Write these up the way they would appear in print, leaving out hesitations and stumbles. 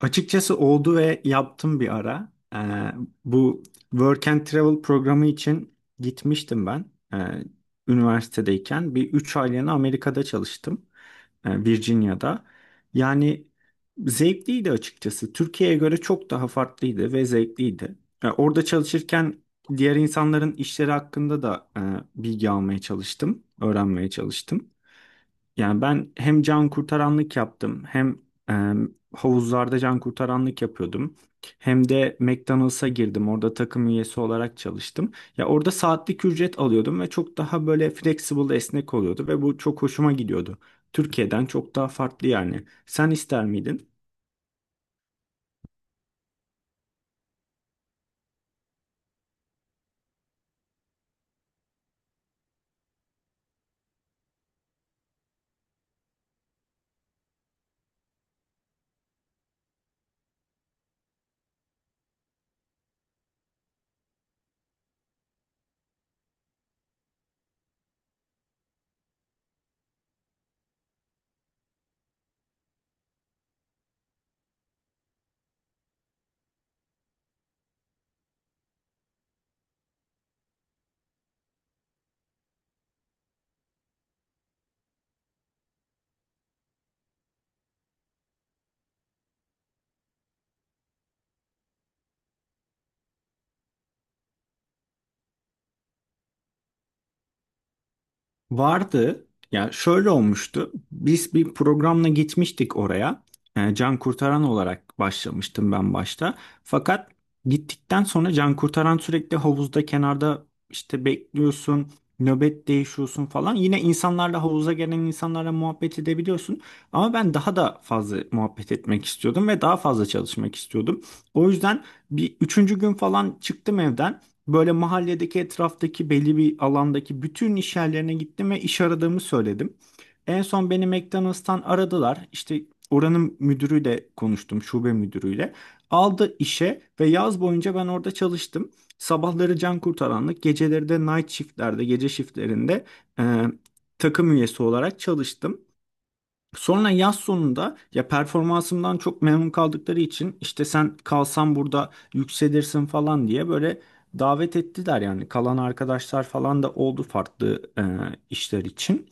Açıkçası oldu ve yaptım bir ara. Bu Work and Travel programı için gitmiştim ben. Ee, Üniversitedeyken bir 3 aylığına Amerika'da çalıştım. Virginia'da. Yani zevkliydi açıkçası. Türkiye'ye göre çok daha farklıydı ve zevkliydi. Orada çalışırken diğer insanların işleri hakkında da bilgi almaya çalıştım, öğrenmeye çalıştım. Yani ben hem can kurtaranlık yaptım hem e, havuzlarda can kurtaranlık yapıyordum. Hem de McDonald's'a girdim. Orada takım üyesi olarak çalıştım. Ya orada saatlik ücret alıyordum ve çok daha böyle flexible, esnek oluyordu ve bu çok hoşuma gidiyordu. Türkiye'den çok daha farklı yani. Sen ister miydin? Vardı. Ya şöyle olmuştu. Biz bir programla gitmiştik oraya. Can kurtaran olarak başlamıştım ben başta. Fakat gittikten sonra can kurtaran sürekli havuzda kenarda işte bekliyorsun, nöbet değişiyorsun falan. Yine insanlarla havuza gelen insanlarla muhabbet edebiliyorsun. Ama ben daha da fazla muhabbet etmek istiyordum ve daha fazla çalışmak istiyordum. O yüzden bir üçüncü gün falan çıktım evden. Böyle mahalledeki etraftaki belli bir alandaki bütün iş yerlerine gittim ve iş aradığımı söyledim. En son beni McDonald's'tan aradılar. İşte oranın müdürüyle konuştum, şube müdürüyle. Aldı işe ve yaz boyunca ben orada çalıştım. Sabahları can kurtaranlık, geceleri de night shiftlerde, gece shiftlerinde e, takım üyesi olarak çalıştım. Sonra yaz sonunda ya performansımdan çok memnun kaldıkları için işte sen kalsan burada yükselirsin falan diye böyle davet ettiler, yani kalan arkadaşlar falan da oldu farklı işler için.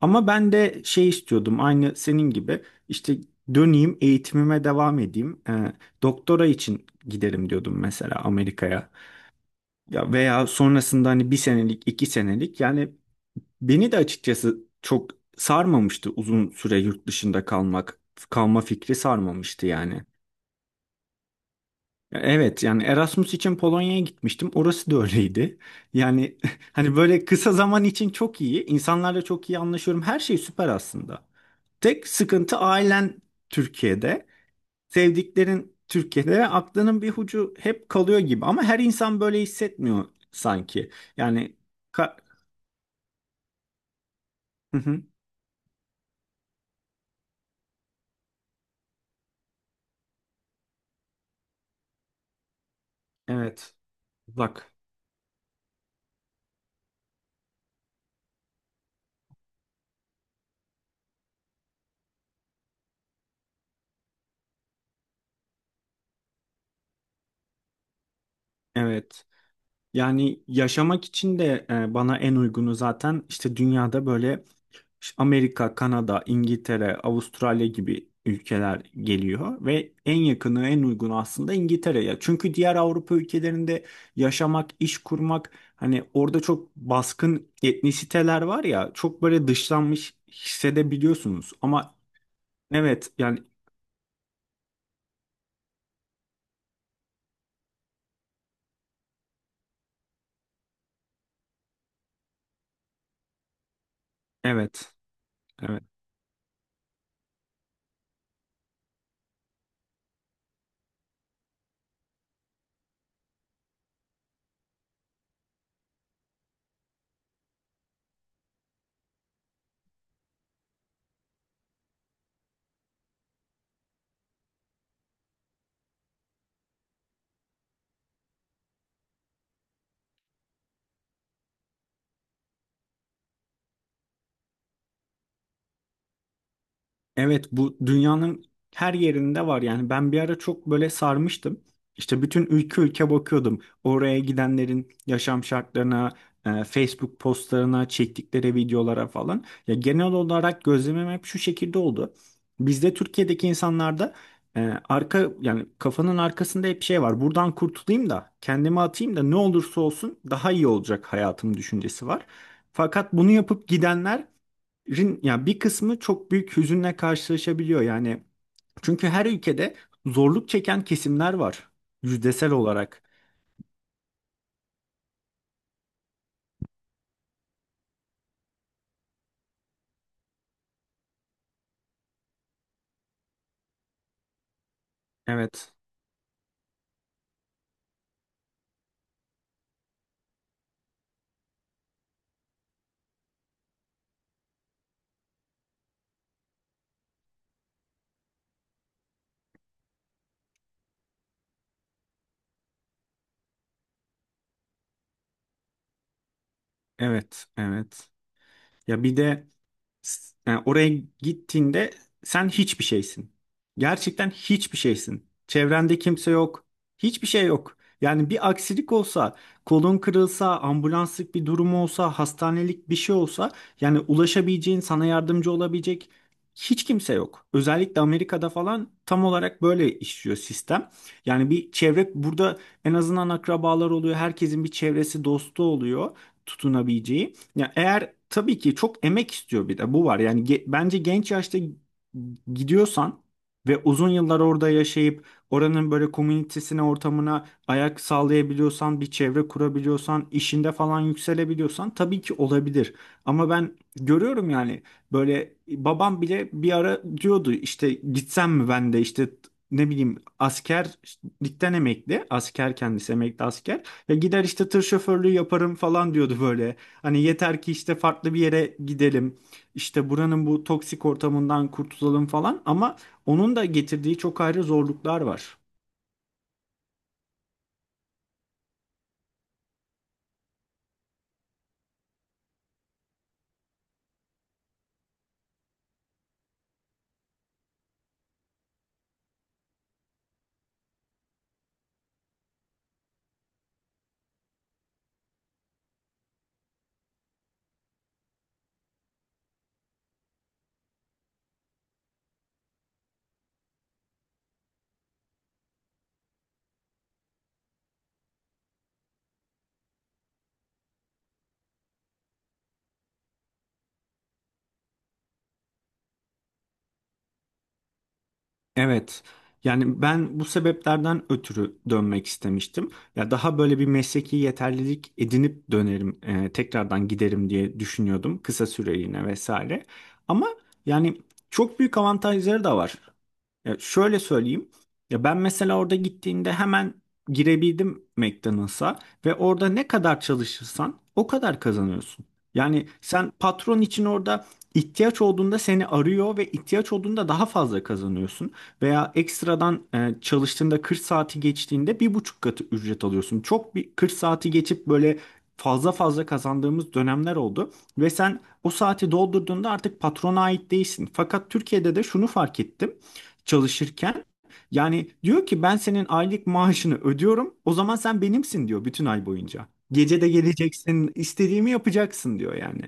Ama ben de şey istiyordum, aynı senin gibi işte döneyim, eğitimime devam edeyim. Doktora için giderim diyordum mesela Amerika'ya. Ya veya sonrasında hani bir senelik, iki senelik yani. Beni de açıkçası çok sarmamıştı uzun süre yurt dışında kalmak. Kalma fikri sarmamıştı yani. Evet, yani Erasmus için Polonya'ya gitmiştim. Orası da öyleydi. Yani hani böyle kısa zaman için çok iyi. İnsanlarla çok iyi anlaşıyorum. Her şey süper aslında. Tek sıkıntı ailen Türkiye'de. Sevdiklerin Türkiye'de ve aklının bir ucu hep kalıyor gibi. Ama her insan böyle hissetmiyor sanki. Yani ka- Hı hı. Evet. Uzak. Evet. Yani yaşamak için de bana en uygunu zaten işte dünyada böyle Amerika, Kanada, İngiltere, Avustralya gibi ülkeler geliyor ve en yakını, en uygunu aslında İngiltere'ye. Çünkü diğer Avrupa ülkelerinde yaşamak, iş kurmak, hani orada çok baskın etnisiteler var ya, çok böyle dışlanmış hissedebiliyorsunuz. Ama evet yani, evet, evet. Evet, bu dünyanın her yerinde var yani. Ben bir ara çok böyle sarmıştım. İşte bütün ülke ülke bakıyordum. Oraya gidenlerin yaşam şartlarına, Facebook postlarına, çektikleri videolara falan. Ya genel olarak gözlemim hep şu şekilde oldu. Bizde, Türkiye'deki insanlarda, e, arka yani kafanın arkasında hep şey var. Buradan kurtulayım da kendimi atayım da ne olursa olsun daha iyi olacak hayatım düşüncesi var. Fakat bunu yapıp gidenler, yani bir kısmı çok büyük hüzünle karşılaşabiliyor yani. Çünkü her ülkede zorluk çeken kesimler var yüzdesel olarak. Evet, evet, evet. Ya bir de yani oraya gittiğinde sen hiçbir şeysin. Gerçekten hiçbir şeysin. Çevrende kimse yok. Hiçbir şey yok. Yani bir aksilik olsa, kolun kırılsa, ambulanslık bir durum olsa, hastanelik bir şey olsa, yani ulaşabileceğin, sana yardımcı olabilecek hiç kimse yok. Özellikle Amerika'da falan tam olarak böyle işliyor sistem. Yani bir çevre burada en azından akrabalar oluyor. Herkesin bir çevresi, dostu oluyor tutunabileceği. Ya eğer, tabii ki çok emek istiyor, bir de bu var. Yani bence genç yaşta gidiyorsan ve uzun yıllar orada yaşayıp oranın böyle komünitesine, ortamına ayak sağlayabiliyorsan, bir çevre kurabiliyorsan, işinde falan yükselebiliyorsan tabii ki olabilir. Ama ben görüyorum yani, böyle babam bile bir ara diyordu işte gitsem mi ben de, işte ne bileyim askerlikten emekli, asker, kendisi emekli asker. Ya gider işte tır şoförlüğü yaparım falan diyordu böyle. Hani yeter ki işte farklı bir yere gidelim. İşte buranın bu toksik ortamından kurtulalım falan, ama onun da getirdiği çok ayrı zorluklar var. Evet. Yani ben bu sebeplerden ötürü dönmek istemiştim. Ya daha böyle bir mesleki yeterlilik edinip dönerim, tekrardan giderim diye düşünüyordum kısa süreliğine vesaire. Ama yani çok büyük avantajları da var. Ya şöyle söyleyeyim. Ya ben mesela orada gittiğimde hemen girebildim McDonald's'a ve orada ne kadar çalışırsan o kadar kazanıyorsun. Yani sen patron için orada ihtiyaç olduğunda seni arıyor ve ihtiyaç olduğunda daha fazla kazanıyorsun. Veya ekstradan çalıştığında 40 saati geçtiğinde bir buçuk katı ücret alıyorsun. Çok bir 40 saati geçip böyle fazla fazla kazandığımız dönemler oldu. Ve sen o saati doldurduğunda artık patrona ait değilsin. Fakat Türkiye'de de şunu fark ettim çalışırken. Yani diyor ki ben senin aylık maaşını ödüyorum. O zaman sen benimsin diyor bütün ay boyunca. Gece de geleceksin, istediğimi yapacaksın diyor yani.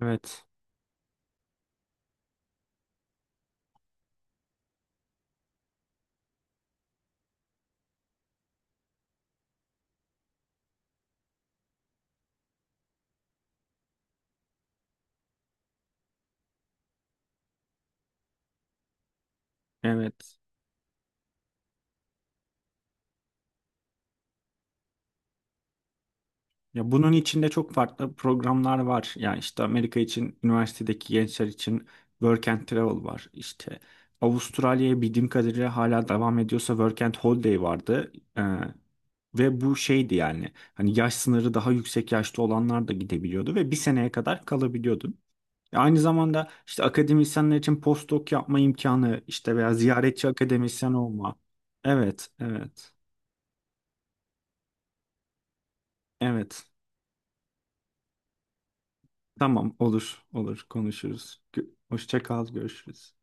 Evet, evet. Ya bunun içinde çok farklı programlar var. Yani işte Amerika için, üniversitedeki gençler için Work and Travel var. İşte Avustralya'ya bildiğim kadarıyla hala devam ediyorsa Work and Holiday vardı. Ee, Ve bu şeydi yani. Hani yaş sınırı daha yüksek yaşta olanlar da gidebiliyordu ve bir seneye kadar kalabiliyordu. Aynı zamanda işte akademisyenler için postdoc yapma imkanı işte veya ziyaretçi akademisyen olma. Evet, evet, evet. Tamam, olur, olur, konuşuruz. Hoşça kal, görüşürüz.